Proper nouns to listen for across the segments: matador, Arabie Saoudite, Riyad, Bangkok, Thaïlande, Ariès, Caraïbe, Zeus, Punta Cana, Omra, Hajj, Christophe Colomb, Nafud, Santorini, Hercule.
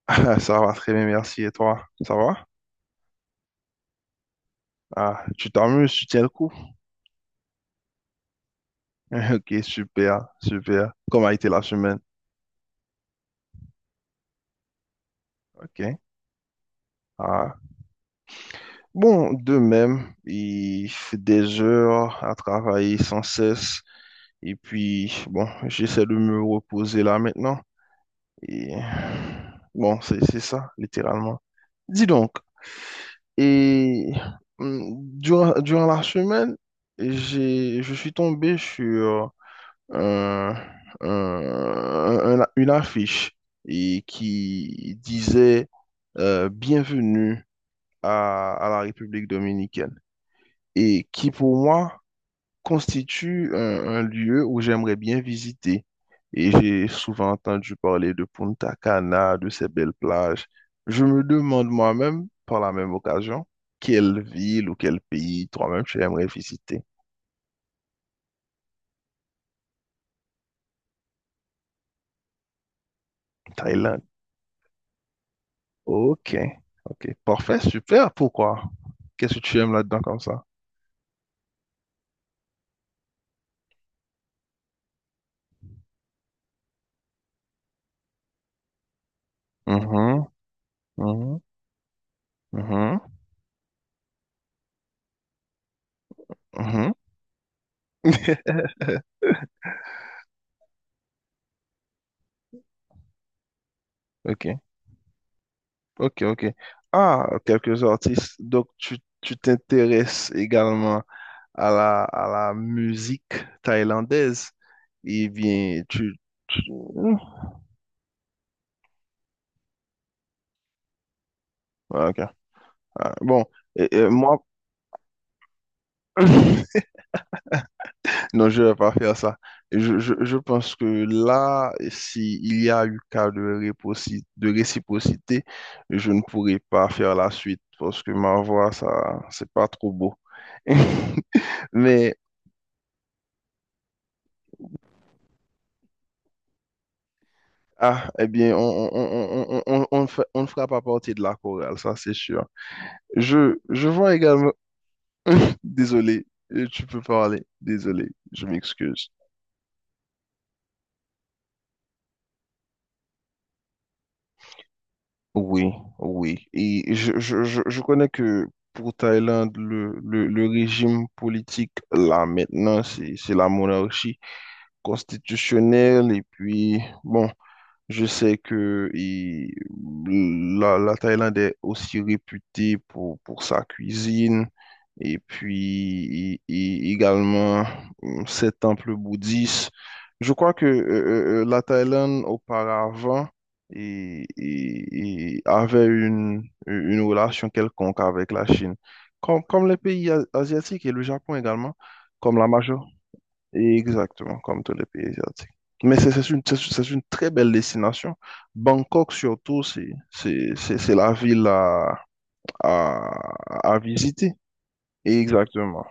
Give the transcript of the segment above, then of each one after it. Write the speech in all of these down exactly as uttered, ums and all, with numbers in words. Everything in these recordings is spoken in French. Ah, Ça va très bien, merci. Et toi, ça va? Ah, tu t'amuses, tu tiens le coup. Ok, super, super. Comment a été la semaine? Ok. Ah. Bon, de même, il fait des heures à travailler sans cesse. Et puis, bon, j'essaie de me reposer là maintenant. Et bon, c'est c'est ça, littéralement. Dis donc, et hum, durant, durant la semaine, j'ai, je suis tombé sur un- un- un- une affiche et qui disait euh, bienvenue à, à la République dominicaine, et qui pour moi constitue un, un lieu où j'aimerais bien visiter. Et j'ai souvent entendu parler de Punta Cana, de ces belles plages. Je me demande moi-même, par la même occasion, quelle ville ou quel pays toi-même tu aimerais visiter? Thaïlande. Ok, ok, parfait, super. Pourquoi? Qu'est-ce que tu aimes là-dedans comme ça? Mhm, mhm, mhm, mhm. Ok, ok, ok. Ah, quelques artistes. Donc, tu tu t'intéresses également à la, à la musique thaïlandaise. Eh bien, tu... tu- Ah, ok. Ah, bon, et- et moi... Non, je ne vais pas faire ça. Je, je, je pense que là, s'il y a eu cas de réposi- de réciprocité, je ne pourrai pas faire la suite parce que ma voix, ça, c'est pas trop beau. Mais, ah, eh bien, on, on, on, on, on, on ne fe- on ne fera pas partie de la chorale, ça c'est sûr. Je, je vois également... Désolé, euh, tu peux parler. Désolé, je m'excuse. Oui, oui. Et je, je, je, je connais que pour Thaïlande, le, le, le régime politique, là, maintenant, c'est, c'est la monarchie constitutionnelle. Et puis, bon, je sais que il- la, la Thaïlande est aussi réputée pour, pour sa cuisine et puis i- i- également hum, ses temples bouddhistes. Je crois que euh, euh, euh, la Thaïlande auparavant et- et- et avait une, une relation quelconque avec la Chine, comme, comme les pays a- asiatiques et le Japon également, comme la majeure... Exactement, comme tous les pays asiatiques. Mais c'est c'est une, c'est- c'est une très belle destination. Bangkok, surtout, c'est c'est- c'est- c'est la ville à, à, à visiter. Exactement.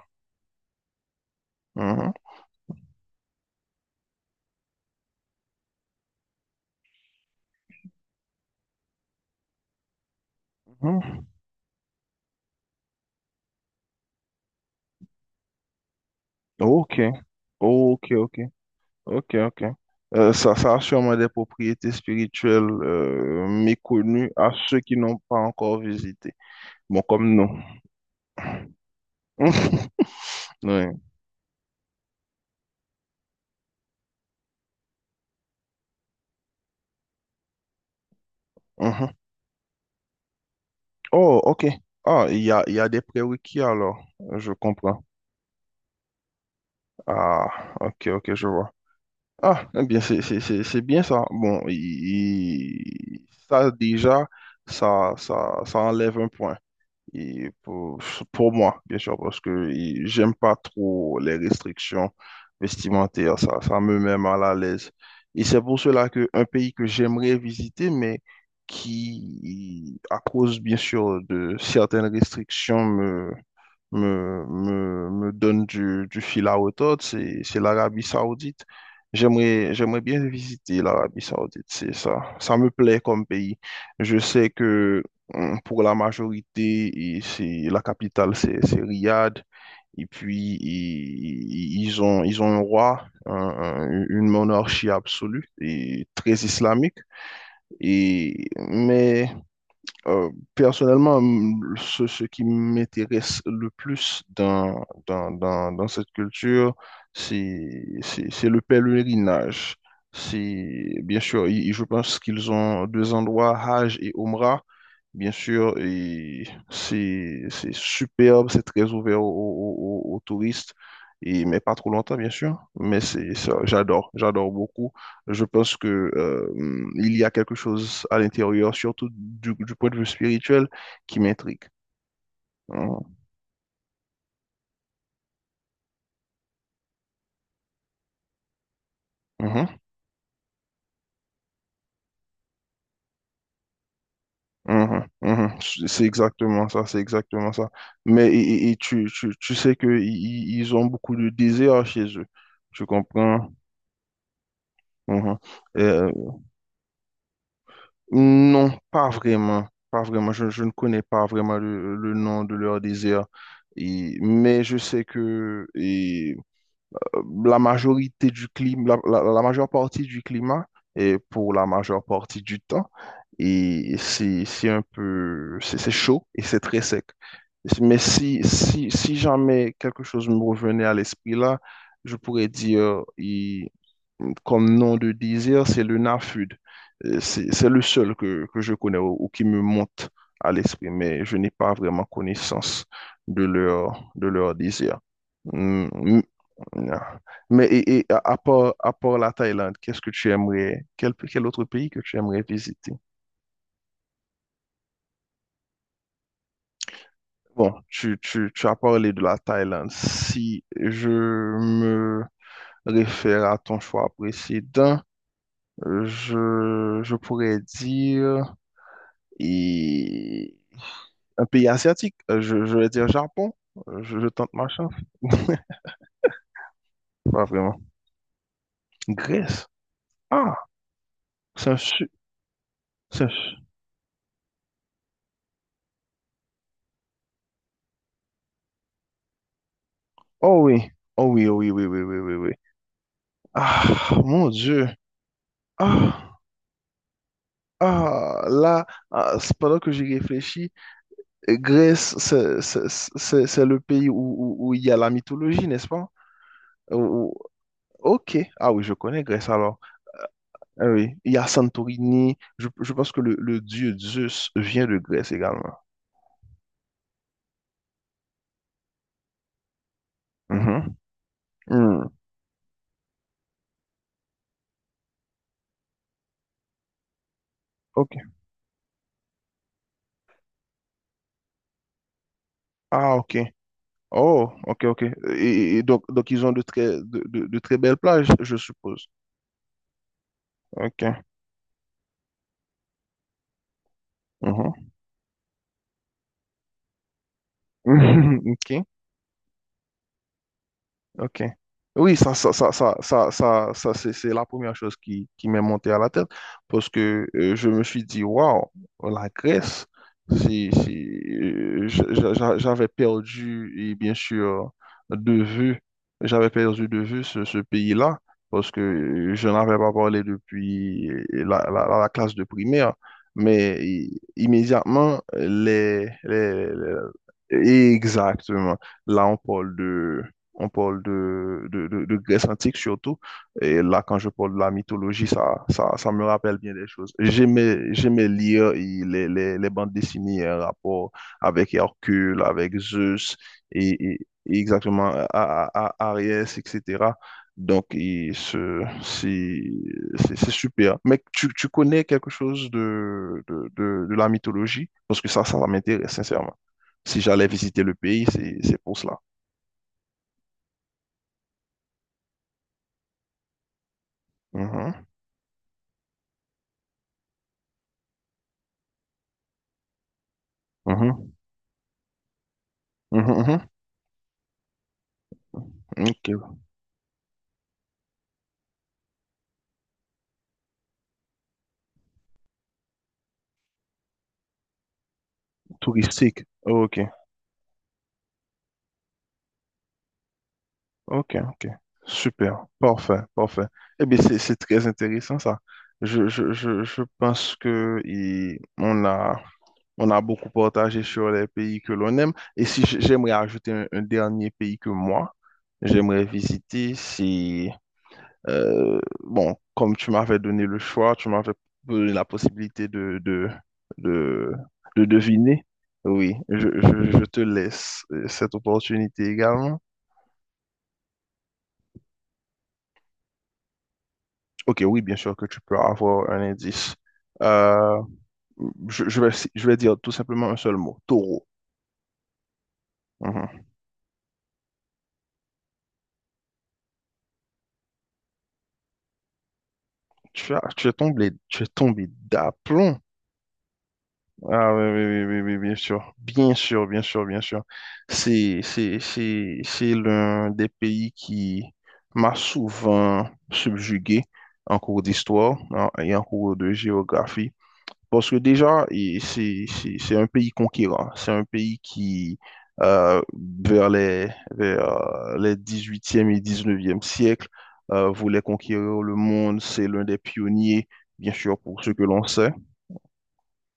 Mhm, mhm. Ok, ok, ok, ok, ok. Euh, ça, ça a sûrement des propriétés spirituelles euh, méconnues à ceux qui n'ont pas encore visité. Bon, comme nous. Oui. Mhm. Oh, ok. Ah, il y a, il y a des prérequis alors. Je comprends. Ah, ok, ok, je vois. Ah, eh bien, c'est c'est- c'est- c'est bien ça. Bon, il- il- ça déjà, ça, ça, ça enlève un point. Et pour, pour moi, bien sûr, parce que il- j'aime pas trop les restrictions vestimentaires, ça, ça me met mal à l'aise. Et c'est pour cela que un pays que j'aimerais visiter, mais qui, à cause, bien sûr, de certaines restrictions, me, me, me, me donne du, du fil à retordre, c'est, c'est l'Arabie Saoudite. J'aimerais, j'aimerais bien visiter l'Arabie Saoudite, c'est ça. Ça me plaît comme pays. Je sais que hum, pour la majorité, et c'est la capitale, c'est c'est Riyad. Et puis, i- i- ils ont, ils ont un roi, un- un- une monarchie absolue et très islamique. Et, mais euh, personnellement, m- ce, ce qui m'intéresse le plus dans, dans, dans, dans cette culture, c'est, c'est, c'est le pèlerinage. C'est, bien sûr, i- i- je pense qu'ils ont deux endroits, Hajj et Omra. Bien sûr, et c'est, c'est superbe, c'est très ouvert aux, aux- aux- aux touristes, et, mais pas trop longtemps, bien sûr. Mais c'est, ça, j'adore, j'adore beaucoup. Je pense que, euh, il y a quelque chose à l'intérieur, surtout du, du point de vue spirituel, qui m'intrigue. Mhm, mhm, mhm, mhm. C'est exactement ça, c'est exactement ça. Mais et, et- et tu, tu, tu sais que i- i- ils ont beaucoup de désirs chez eux. Tu comprends? Mhm. Euh, non, pas vraiment. Pas vraiment. Je, je ne connais pas vraiment le, le nom de leur désir. Et- mais je sais que euh, la majorité du climat, la, la- la majeure partie du climat et pour la majeure partie du temps. Et c'est c'est un peu, c'est c'est chaud et c'est très sec. Mais si, si, si jamais quelque chose me revenait à l'esprit là, je pourrais dire, euh, il- comme nom de désert, c'est le Nafud. Euh, C'est c'est le seul que, que je connais ou, ou qui me monte à l'esprit, mais je n'ai pas vraiment connaissance de leur, de leur désert. Hmm, hmm, ah. Mais et, et à, à part, à part la Thaïlande, qu'est-ce que tu aimerais, quel, quel autre pays que tu aimerais visiter? Bon, tu, tu, tu as parlé de la Thaïlande. Si je me réfère à ton choix précédent, euh, je, je pourrais dire... Et un pays asiatique, euh, je, je vais dire Japon. Euh, je, je tente ma chance. Pas vraiment. Grèce. Ah, c'est un su... c'est un su- oh oui. Oh oui, oh oui, oui, oui, oui, oui, oui. Ah, mon Dieu. Ah, ah, là, ah, c'est pendant que j'y réfléchis, euh, Grèce, c'est c'est- c'est- c'est le pays où, où, où il y a la mythologie, n'est-ce pas? Où- où- ok. Ah oui, je connais Grèce alors. Ah oui, il y a Santorini. Je, je pense que le, le dieu Zeus vient de Grèce également. Mhm. Hmm. Ok. Ah, ok. Oh, ok, ok. Et, et donc, donc, ils ont de très, de, de- de très belles plages, je suppose. Ok. Mhm. Ok. Ok. Oui, ça, ça, ça, ça, ça, ça, ça, c'est c'est la première chose qui, qui m'est montée à la tête parce que euh, je me suis dit, waouh, la Grèce, c'est, c'est, euh, j'a- j'a- j'avais perdu, et bien sûr, de vue, j'avais perdu de vue ce, ce pays-là parce que euh, je n'avais pas parlé depuis euh, la, la, la classe de primaire, mais i- immédiatement, les, les, les- Exactement. Là, on parle de on parle de, de, de- de Grèce antique surtout. Et là, quand je parle de la mythologie, ça, ça, ça me rappelle bien des choses. J'aimais, j'aimais lire et les, les, les bandes dessinées en rapport avec Hercule, avec Zeus, et, et- et exactement à, à- à- Ariès, et cetera. Donc, et ce- c'est c'est- c'est super. Mais tu, tu connais quelque chose de, de, de, de la mythologie? Parce que ça, ça m'intéresse sincèrement. Si j'allais visiter le pays, c'est c'est pour cela. Mhm, mhm. Mhm, mhm. Ok. Touristique. Ok, ok, ok. Super. Parfait, parfait. Eh bien, c'est c'est très intéressant ça. Je, je, je, je pense que il- on a, on a beaucoup partagé sur les pays que l'on aime. Et si j- j'aimerais ajouter un, un dernier pays que moi, j'aimerais visiter. Euh, bon, comme tu m'avais donné le choix, tu m'avais donné la possibilité de, de, de, de deviner. Oui, je, je, je te laisse euh, cette opportunité également. Ok, oui, bien sûr que tu peux avoir un indice. Euh, je, je vais, si, je vais dire tout simplement un seul mot, taureau. Mhm. Tu as, tu es tombé, tu es tombé d'aplomb. Ah oui, oui, oui, oui, oui, bien sûr. Bien sûr, bien sûr, bien sûr. C'est, c'est, c'est, c'est l'un des pays qui m'a souvent subjugué en cours d'histoire hein, et en cours de géographie. Parce que déjà, et c'est, c'est, c'est un pays conquérant. C'est un pays qui, euh, vers les, vers euh, les dix-huitième et dix-neuvième siècles, euh, voulait conquérir le monde. C'est l'un des pionniers, bien sûr, pour ce que l'on sait.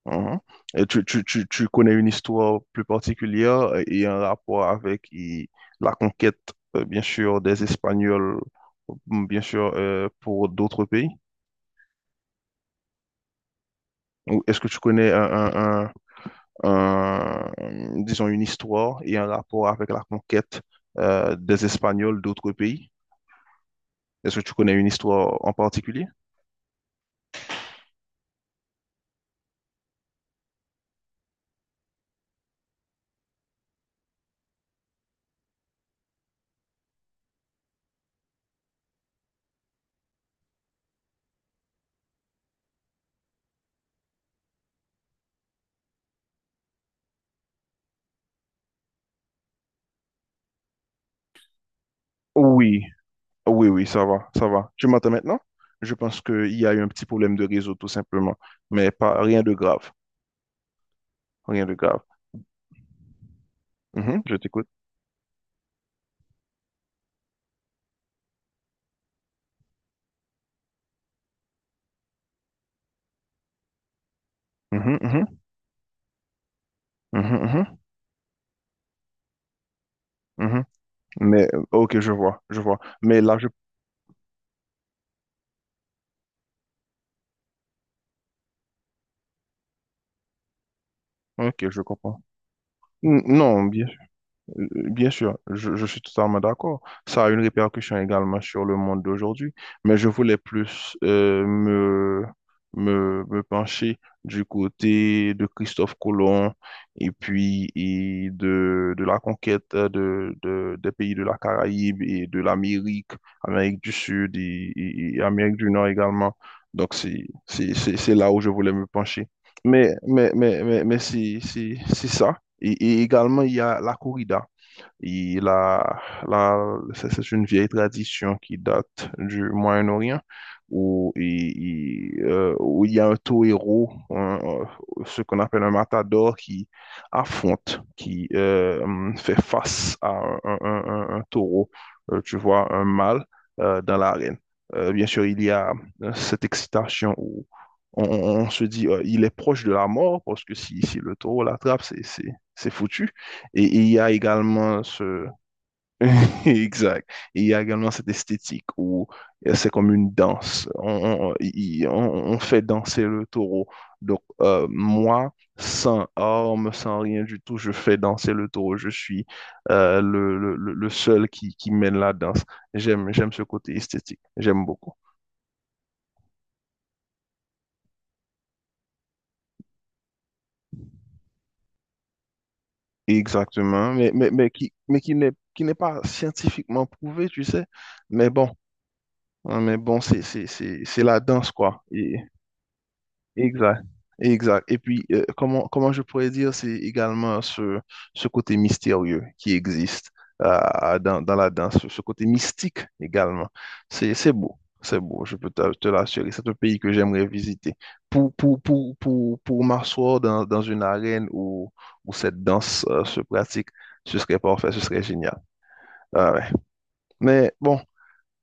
Mhm. Et tu, tu, tu, tu connais une histoire plus particulière et un rapport avec et la conquête, euh, bien sûr, des Espagnols, m- bien sûr, euh, pour d'autres pays? Ou est-ce que tu connais un, un- un- un- disons, une histoire et un rapport avec la conquête, euh, des Espagnols d'autres pays? Est-ce que tu connais une histoire en particulier? Oui, oui, oui, ça va, ça va. Tu m'entends maintenant? Je pense qu'il y a eu un petit problème de réseau, tout simplement. Mais pas, rien de grave, rien de grave. Mhm, je t'écoute. Mhm, mhm, mhm, mhm, mhm. Mais, euh, ok, je vois, je vois. Mais là, je... Ok, je comprends. N- Non. Euh, bien sûr, je, je suis totalement d'accord. Ça a une répercussion également sur le monde d'aujourd'hui, mais je voulais plus euh, me, me, me pencher du côté de Christophe Colomb et puis et de, de la conquête de, de- des pays de la Caraïbe et de l'Amérique, Amérique du Sud et, et- et Amérique du Nord également. Donc, c'est, c'est, c'est c'est là où je voulais me pencher. Mais, mais, mais, mais, mais c'est c'est- c'est ça. Et, et également, il y a la corrida. Et là, là, c'est c'est une vieille tradition qui date du Moyen-Orient où il, il, euh, où il y a un taureau, un- un- ce qu'on appelle un matador, qui affronte, qui euh, hum, fait face à un, un- un- un taureau, euh, tu vois, un mâle euh, dans l'arène. Euh, bien sûr, il y a euh, cette excitation où on, on- on se dit euh, il est proche de la mort, parce que si, si le taureau l'attrape, c'est c'est- c'est foutu. Et, il y a également ce... Exact. Il y a également cette esthétique où c'est comme une danse. On, on- il- on- on fait danser le taureau. Donc, euh, moi, sans armes, sans rien du tout, je fais danser le taureau. Je suis euh, le, le- le- le seul qui, qui mène la danse. J'aime, j'aime ce côté esthétique. J'aime beaucoup. Exactement, mais, mais, mais qui, mais qui n'est, qui n'est pas scientifiquement prouvé, tu sais. Mais bon, hein, mais bon, c'est, c'est, c'est, c'est la danse, quoi. Exact, exact. Et puis, euh, comment, comment je pourrais dire, c'est également ce, ce côté mystérieux qui existe euh, dans, dans la danse, ce côté mystique également. C'est, c'est beau, c'est beau, je peux te, te l'assurer. C'est un pays que j'aimerais visiter. Pour, pour, pour, pour, pour m'asseoir dans, dans une arène où, où cette danse euh, se pratique, ce serait parfait, ce serait génial. Ah ouais. Mais bon.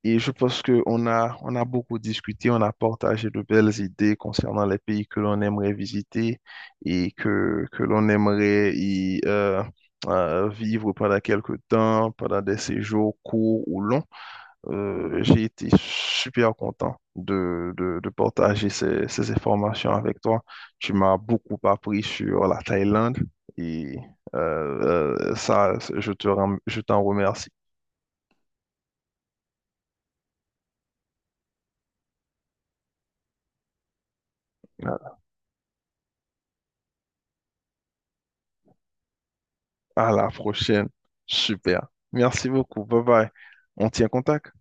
Et je pense qu'on a, on a beaucoup discuté, on a partagé de belles idées concernant les pays que l'on aimerait visiter et que, que l'on aimerait y euh, euh, vivre pendant quelques temps, pendant des séjours courts ou longs. Euh, j'ai été super content de, de, de partager ces, ces informations avec toi. Tu m'as beaucoup appris sur la Thaïlande et euh, euh, ça, je te, rem- je t'en remercie. À à la prochaine. Super. Merci beaucoup. Bye bye. On tient contact.